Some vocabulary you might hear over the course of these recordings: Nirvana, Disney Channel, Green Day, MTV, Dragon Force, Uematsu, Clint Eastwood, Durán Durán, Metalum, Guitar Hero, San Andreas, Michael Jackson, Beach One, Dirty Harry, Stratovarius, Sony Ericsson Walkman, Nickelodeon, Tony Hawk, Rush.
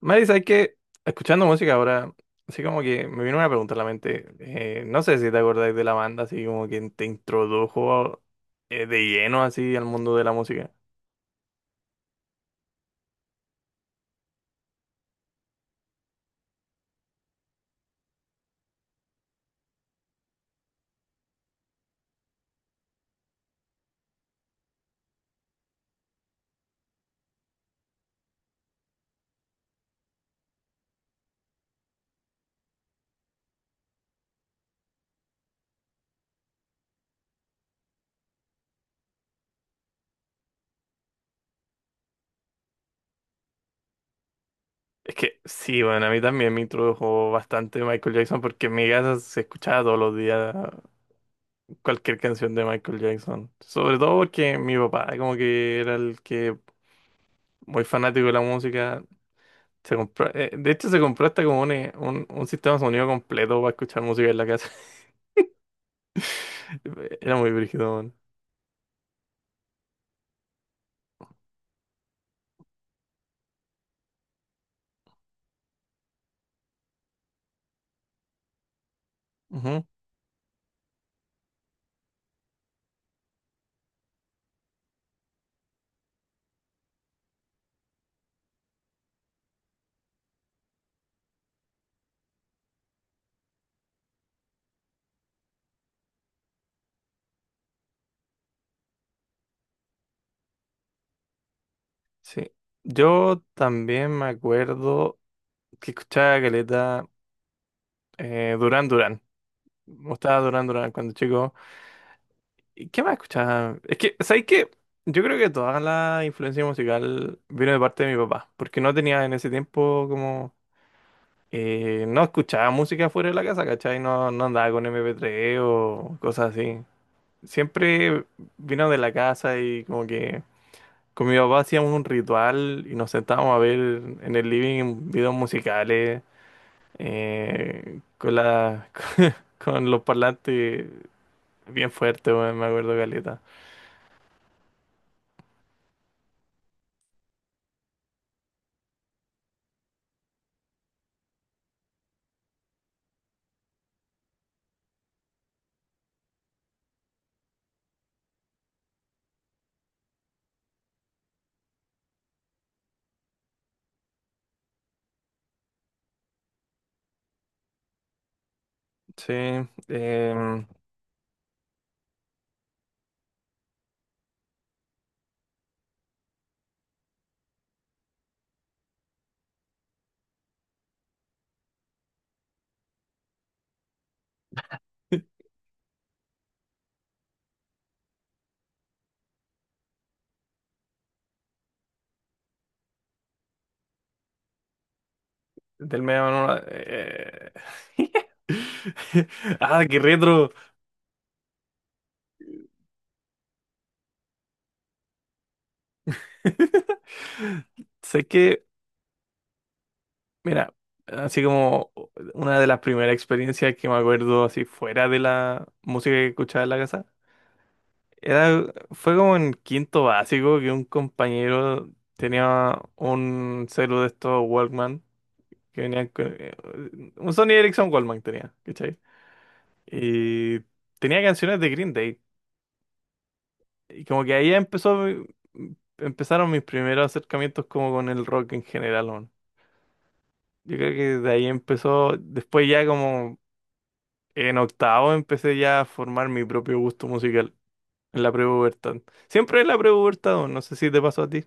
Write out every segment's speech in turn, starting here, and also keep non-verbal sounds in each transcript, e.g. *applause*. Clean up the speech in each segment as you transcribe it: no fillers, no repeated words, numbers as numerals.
Maris, hay que, escuchando música ahora, así como que me vino una pregunta a la mente. No sé si te acordáis de la banda, así como que te introdujo de lleno así al mundo de la música. Es que sí, bueno, a mí también me introdujo bastante Michael Jackson porque en mi casa se escuchaba todos los días cualquier canción de Michael Jackson. Sobre todo porque mi papá como que era el que muy fanático de la música. Se compró, de hecho se compró hasta como un, un sistema de sonido completo para escuchar música en la casa. Era muy brígido, weón. Ujú. Sí. Yo también me acuerdo que escuchaba caleta Durán Durán. Me gustaba Durán Durán cuando chico. ¿Y qué más escuchaba? Es que, ¿sabes qué? Yo creo que toda la influencia musical vino de parte de mi papá, porque no tenía en ese tiempo como, no escuchaba música fuera de la casa, ¿cachai? No, no andaba con MP3 o cosas así. Siempre vino de la casa y como que con mi papá hacíamos un ritual y nos sentábamos a ver en el living videos musicales, eh, con la, con los parlantes bien fuertes, weón, me acuerdo caleta. Sí, em, del medio no. *laughs* Ah, qué retro. *laughs* Sé que, mira, así como una de las primeras experiencias que me acuerdo así fuera de la música que escuchaba en la casa. Fue como en quinto básico que un compañero tenía un celu de estos Walkman que venían con, un Sony Ericsson Walkman tenía, ¿cachai? Y tenía canciones de Green Day. Y como que ahí empezó, empezaron mis primeros acercamientos como con el rock en general, weón. Yo creo que de ahí empezó, después ya como en octavo empecé ya a formar mi propio gusto musical en la prepubertad. Siempre en la prepubertad, weón, no sé si te pasó a ti.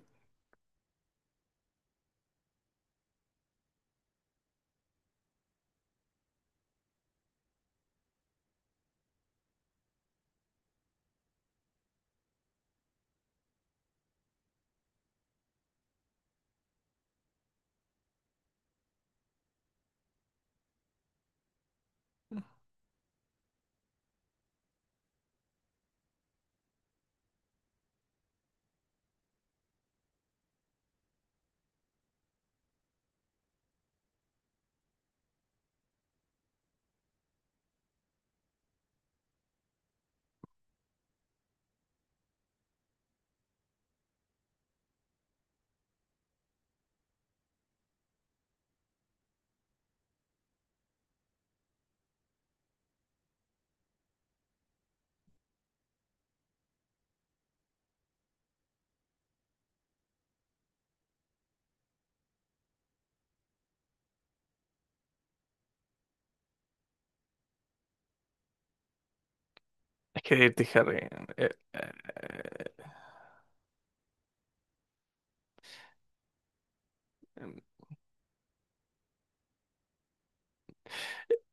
Es que Dirty Harry. eh, eh,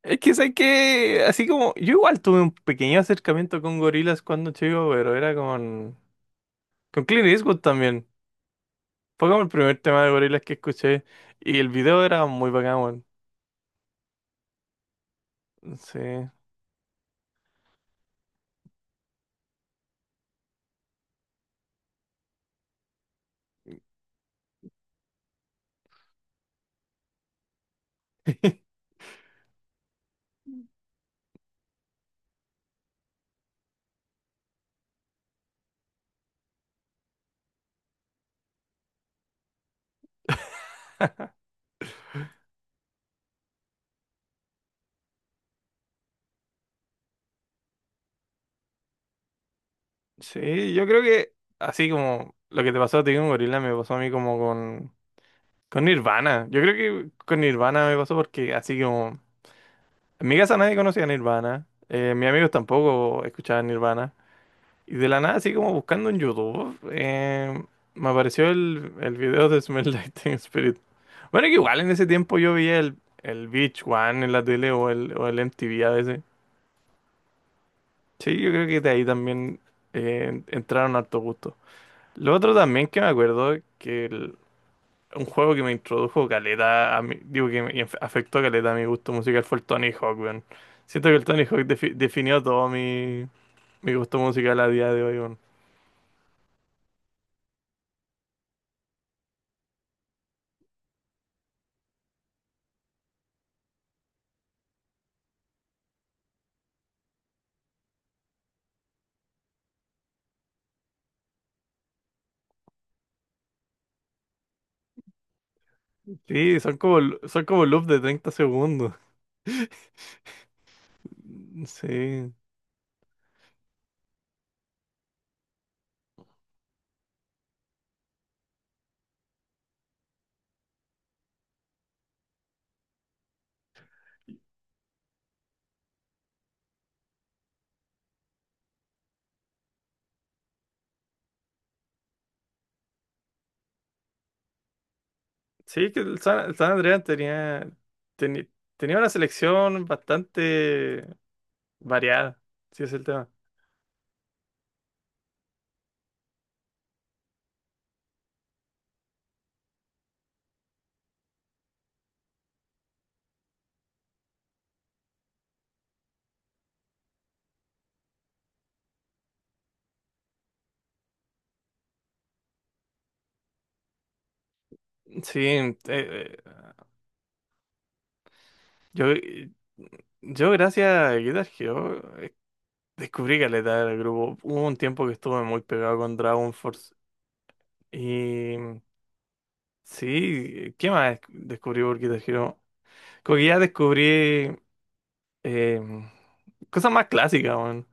es que sé que. Así como. Yo igual tuve un pequeño acercamiento con gorilas cuando chico, pero era con. Con Clint Eastwood también. Fue como el primer tema de gorilas que escuché. Y el video era muy bacán, weón. Sí. *laughs* Sí, yo creo que. Así como. Lo que te pasó a ti con gorila me pasó a mí como con. Con Nirvana. Yo creo que con Nirvana me pasó porque así como. En mi casa nadie conocía a Nirvana. Mis amigos tampoco escuchaban Nirvana. Y de la nada, así como buscando en YouTube, me apareció el video de Smell *laughs* Like Teen Spirit. Bueno, que igual en ese tiempo yo veía el Beach One en la tele o el MTV a veces. Sí, yo creo que de ahí también entraron harto gusto. Lo otro también que me acuerdo es que un juego que me introdujo caleta, a mi, digo que me afectó caleta a mi gusto musical fue el Tony Hawk, weón. Siento que el Tony Hawk definió todo mi gusto musical a día de hoy. Sí, son como loops de 30 segundos. *laughs* Sí. Sí, que el San Andreas teni- tenía una selección bastante variada, si es el tema. Sí, yo, eh, yo gracias a Guitar Hero descubrí caleta del grupo. Hubo un tiempo que estuve muy pegado con Dragon Force. Y sí, ¿qué más descubrí por Guitar Hero? Como que ya descubrí eh, mm, cosas más clásicas, weón.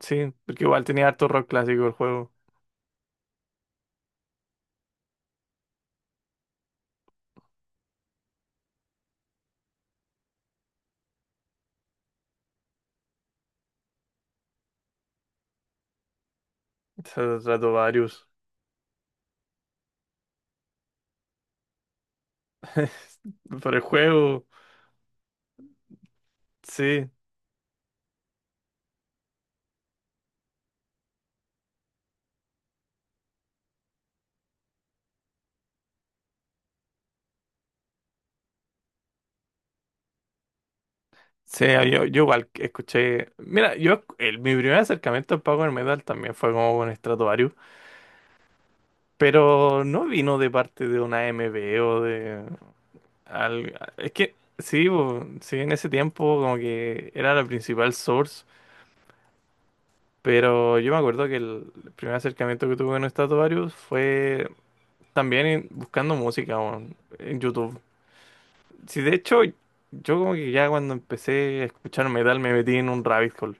Sí, porque igual tenía harto rock clásico el juego. Se trató varios. *laughs* Por el juego, sí. Sí, ah, yo igual escuché. Mira, yo mi primer acercamiento al power metal también fue como con Stratovarius, pero no vino de parte de una A M AMB o de es que sí, bo, sí, en ese tiempo como que era la principal source, pero yo me acuerdo que el primer acercamiento que tuve con Stratovarius fue también buscando música bo, en YouTube. Sí, de hecho, yo como que ya cuando empecé a escuchar metal me metí en un rabbit hole.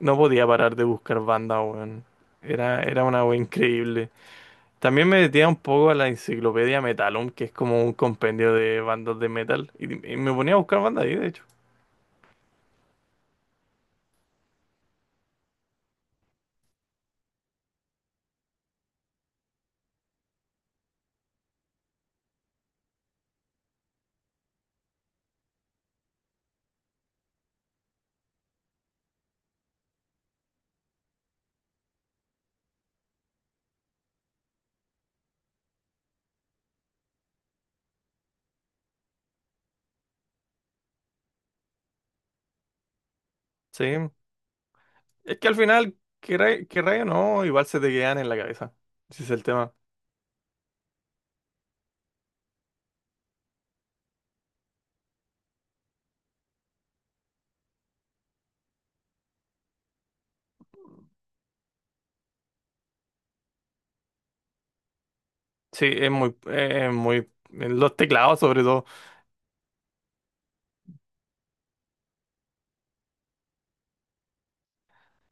No podía parar de buscar bandas, weón. Era una wea increíble. También me metía un poco a la enciclopedia Metalum, que es como un compendio de bandas de metal. Y me ponía a buscar bandas ahí, de hecho. Sí. Es que al final, querrá o no, igual se te quedan en la cabeza. Ese es el tema. Sí, es muy en los teclados, sobre todo.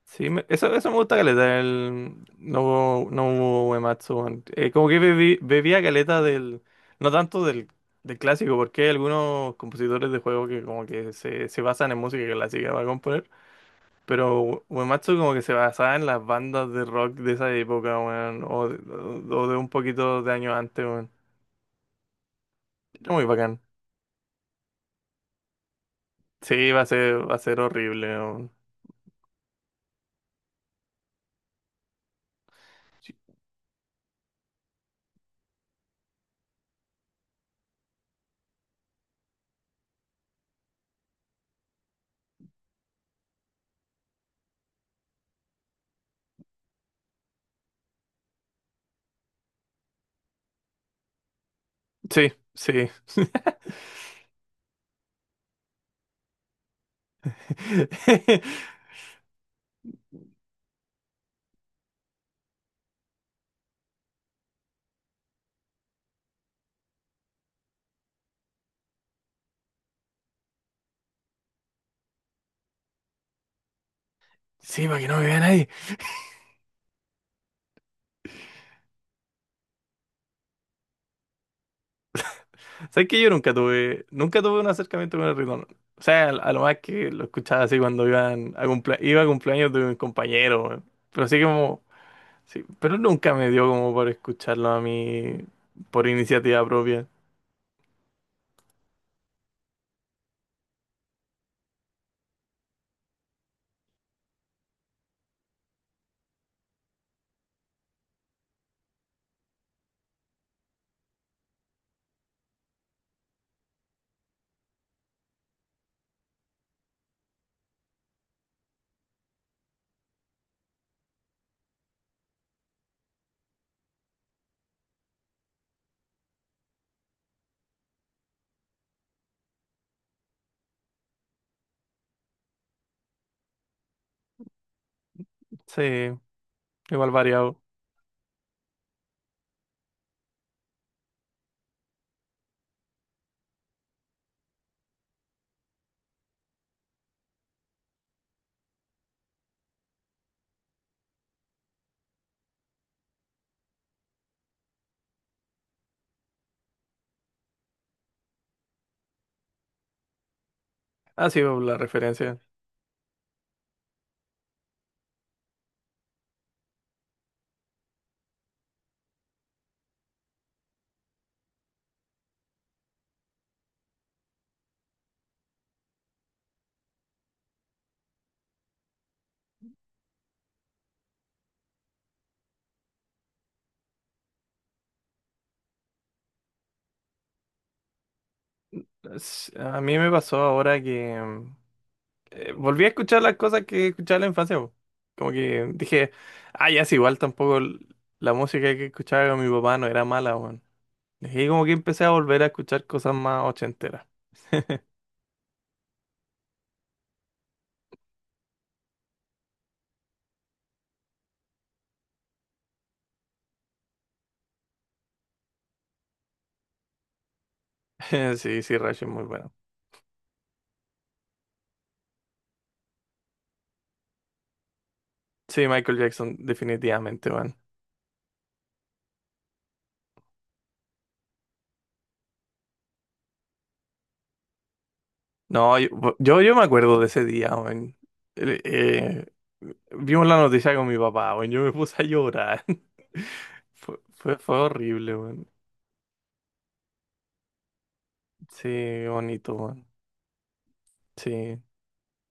Sí, eso me gusta caleta, el no no Uematsu, weón. Como que bebía caleta no tanto del clásico, porque hay algunos compositores de juegos que como que se basan en música clásica para componer, pero Uematsu como que se basaba en las bandas de rock de esa época, weón, o de un poquito de años antes, weón. Era muy bacán. Sí, va a ser horrible, weón. Sí, sí. *laughs* Sí, para que no me vean ahí. ¿Sabes que yo nunca tuve un acercamiento con el reggaetón? O sea, a lo más que lo escuchaba así cuando iba a cumpleaños de un compañero, weón. Pero así como, sí, pero nunca me dio como por escucharlo a mí por iniciativa propia. Sí, igual variado. Ha sido la referencia. A mí me pasó ahora que volví a escuchar las cosas que escuchaba en la infancia, po. Como que dije, ah, ya es igual tampoco la música que escuchaba con mi papá no era mala. Y como que empecé a volver a escuchar cosas más ochenteras. *laughs* Sí, sí, Rush es muy bueno. Sí, Michael Jackson, definitivamente, man. No, yo me acuerdo de ese día, man. El- eh, Vimos la noticia con mi papá, man. Yo me puse a llorar. *laughs* Fue horrible, man. Sí, bonito, man. Sí.